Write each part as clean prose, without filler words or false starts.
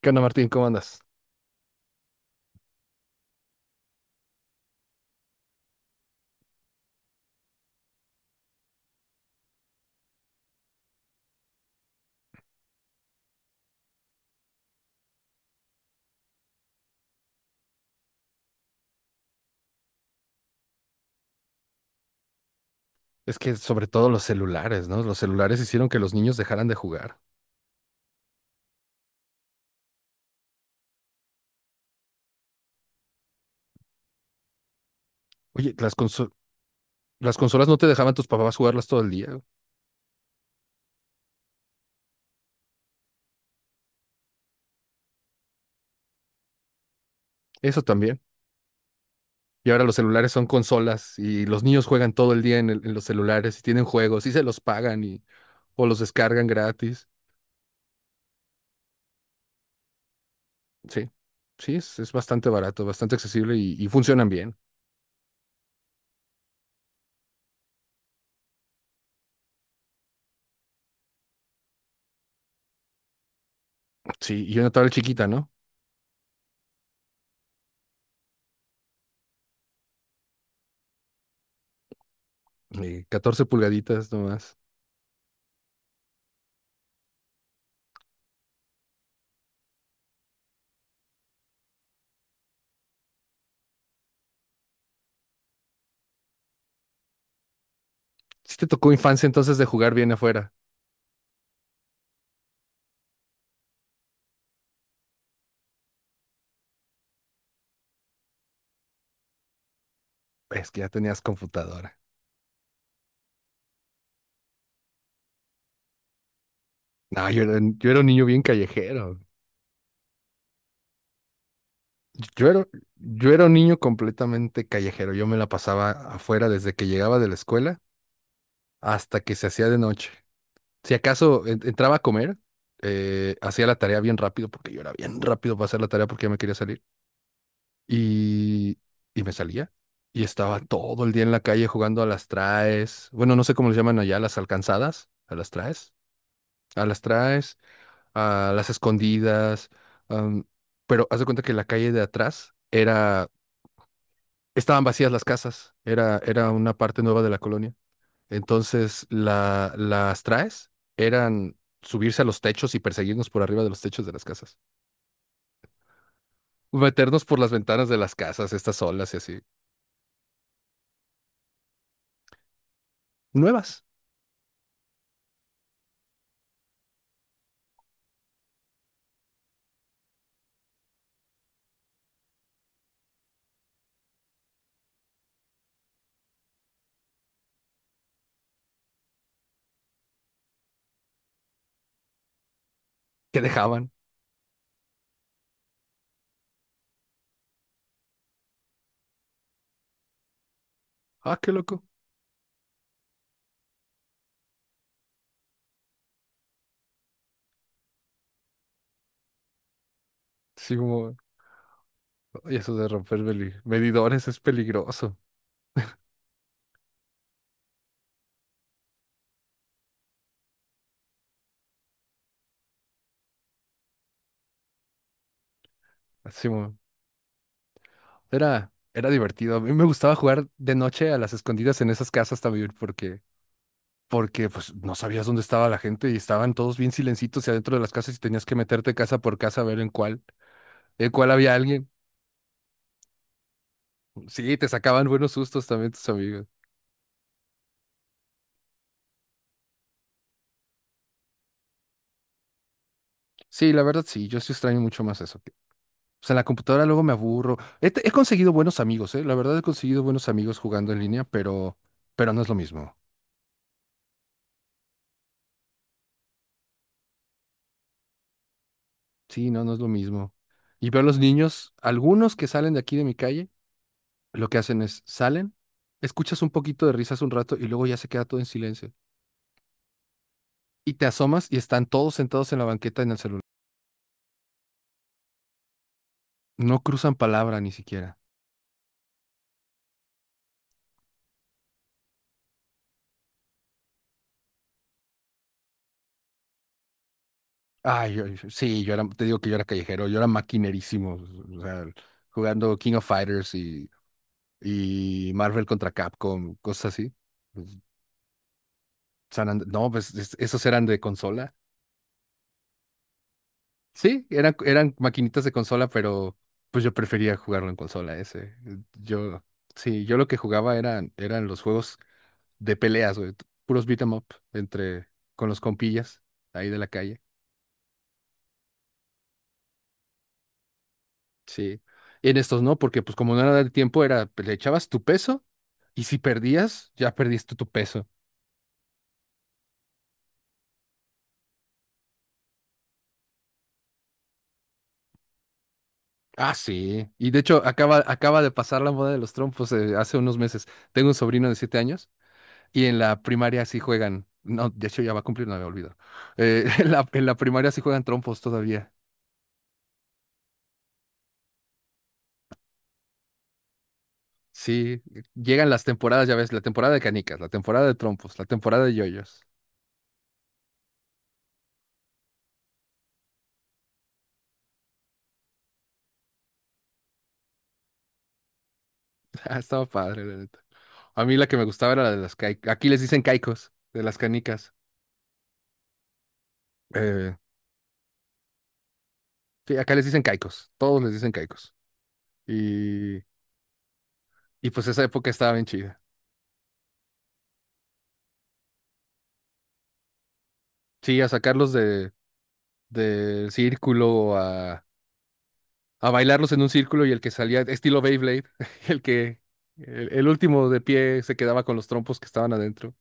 ¿Qué onda, Martín? ¿Cómo andas? Es que sobre todo los celulares, ¿no? Los celulares hicieron que los niños dejaran de jugar. Oye, las consolas no te dejaban tus papás jugarlas todo el día. Eso también. Y ahora los celulares son consolas y los niños juegan todo el día en los celulares y tienen juegos y se los pagan y, o los descargan gratis. Sí, sí, es bastante barato, bastante accesible y funcionan bien. Sí, y una tablet chiquita, ¿no? 14 pulgaditas nomás. Sí te tocó infancia entonces de jugar bien afuera. Es que ya tenías computadora. No, yo era un niño bien callejero. Yo era, yo era un niño completamente callejero. Yo me la pasaba afuera desde que llegaba de la escuela hasta que se hacía de noche. Si acaso entraba a comer, hacía la tarea bien rápido, porque yo era bien rápido para hacer la tarea porque ya me quería salir. Y, y me salía. Y estaba todo el día en la calle jugando a las traes. Bueno, no sé cómo les llaman allá, las alcanzadas. A las traes. A las traes, a las escondidas, am, pero haz de cuenta que la calle de atrás era, estaban vacías las casas, era una parte nueva de la colonia. Entonces, las traes eran subirse a los techos y perseguirnos por arriba de los techos de las casas. Meternos por las ventanas de las casas, estas olas y así. Nuevas, que dejaban. Ah, qué loco. Sí, como, y eso de romper medidores es peligroso. Así, era divertido. A mí me gustaba jugar de noche a las escondidas en esas casas también porque, porque pues no sabías dónde estaba la gente y estaban todos bien silencitos y adentro de las casas y tenías que meterte casa por casa a ver en cuál había alguien. Sí, te sacaban buenos sustos también tus amigos. Sí, la verdad sí, yo sí extraño mucho más eso. O sea, en la computadora luego me aburro. He conseguido buenos amigos, ¿eh? La verdad he conseguido buenos amigos jugando en línea, pero no es lo mismo. Sí, no, no es lo mismo. Y veo a los niños, algunos que salen de aquí de mi calle. Lo que hacen es, salen, escuchas un poquito de risas un rato y luego ya se queda todo en silencio. Y te asomas y están todos sentados en la banqueta en el celular. No cruzan palabra ni siquiera. Ay, sí, yo era, te digo que yo era callejero, yo era maquinerísimo, o sea, jugando King of Fighters y Marvel contra Capcom, cosas así. Pues, no, pues esos eran de consola. Sí, eran maquinitas de consola, pero pues yo prefería jugarlo en consola ese. Yo, sí, yo lo que jugaba eran los juegos de peleas, güey. Puros beat 'em up entre, con los compillas ahí de la calle. Sí. En estos no, porque pues como no era de tiempo, era, pues, le echabas tu peso y si perdías, ya perdiste tu peso. Ah, sí. Y de hecho, acaba de pasar la moda de los trompos hace unos meses. Tengo un sobrino de 7 años y en la primaria sí juegan. No, de hecho ya va a cumplir, no me olvido. En en la primaria sí juegan trompos todavía. Sí, llegan las temporadas, ya ves, la temporada de canicas, la temporada de trompos, la temporada de yoyos. Ah, estaba padre, la neta. A mí la que me gustaba era la de las caicos. Aquí les dicen caicos, de las canicas. Eh, sí, acá les dicen caicos. Todos les dicen caicos. Y, y pues esa época estaba bien chida. Sí, a del círculo, a bailarlos en un círculo y el que salía, estilo Beyblade, el que, el último de pie se quedaba con los trompos que estaban adentro.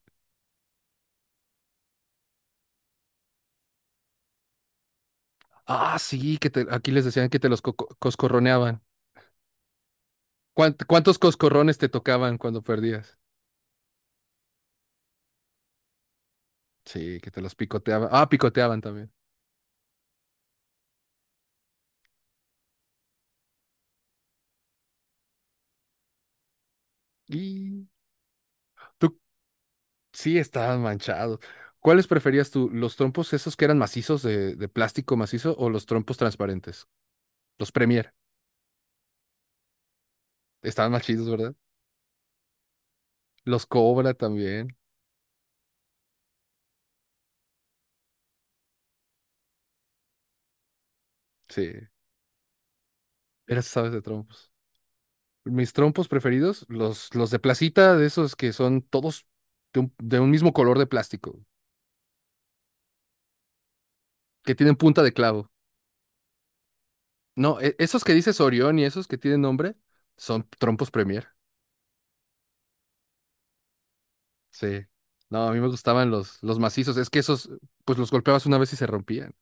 Ah, sí, que te- aquí les decían que te los coscorroneaban. ¿Cuántos coscorrones te tocaban cuando perdías? Sí, que te los picoteaban. Ah, picoteaban también. Y tú sí estabas manchado. ¿Cuáles preferías tú? ¿Los trompos esos que eran macizos de plástico macizo o los trompos transparentes? Los Premier. Estaban más chidos, ¿verdad? Los Cobra también. Sí. Eras, sabes, de trompos. Mis trompos preferidos, los de placita, de esos que son todos de un mismo color de plástico, que tienen punta de clavo. No, esos que dices Orión y esos que tienen nombre son trompos Premier. Sí. No, a mí me gustaban los macizos. Es que esos, pues los golpeabas una vez y se rompían.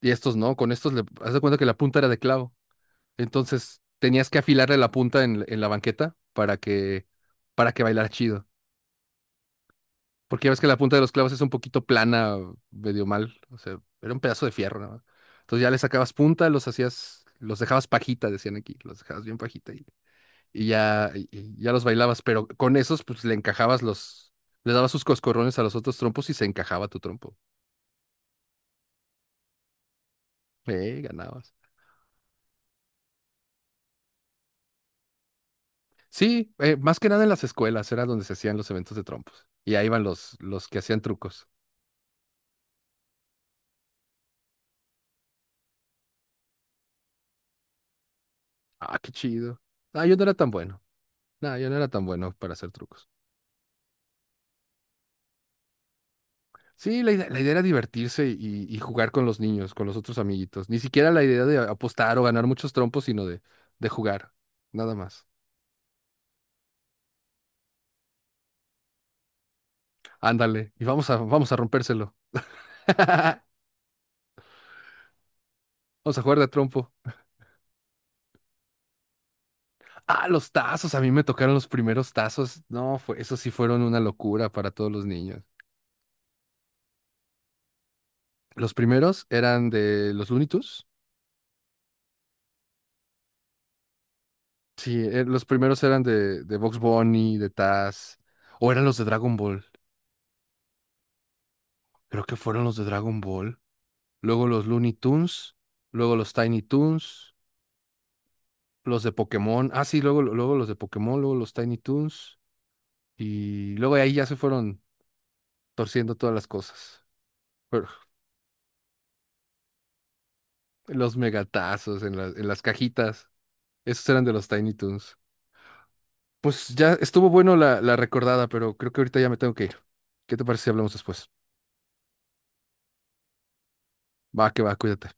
Y estos no, con estos le, haz de cuenta que la punta era de clavo. Entonces tenías que afilarle la punta en la banqueta para que bailara chido. Porque ya ves que la punta de los clavos es un poquito plana, medio mal. O sea, era un pedazo de fierro, nada más. Entonces ya le sacabas punta, los hacías, los dejabas pajita, decían aquí, los dejabas bien pajita. Y ya los bailabas, pero con esos pues le encajabas los, le dabas sus coscorrones a los otros trompos y se encajaba tu trompo. Ganabas. Sí, más que nada en las escuelas era donde se hacían los eventos de trompos. Y ahí iban los que hacían trucos. Ah, qué chido. Ah, yo no era tan bueno. No, yo no era tan bueno para hacer trucos. Sí, la idea era divertirse y jugar con los niños, con los otros amiguitos. Ni siquiera la idea de apostar o ganar muchos trompos, sino de jugar. Nada más. Ándale, y vamos a, vamos a rompérselo. Vamos a jugar de trompo. Ah, los tazos. A mí me tocaron los primeros tazos. No, fue, esos sí fueron una locura para todos los niños. Los primeros eran de los Looney Tunes. Sí, los primeros eran de Bugs Bunny, de Taz. O eran los de Dragon Ball. Creo que fueron los de Dragon Ball. Luego los Looney Tunes. Luego los Tiny Toons. Los de Pokémon. Ah, sí, luego, luego los de Pokémon. Luego los Tiny Toons. Y luego de ahí ya se fueron torciendo todas las cosas. Pero los megatazos en en las cajitas. Esos eran de los Tiny Toons. Pues ya estuvo bueno la recordada, pero creo que ahorita ya me tengo que ir. ¿Qué te parece si hablamos después? Va, que va, cuídate.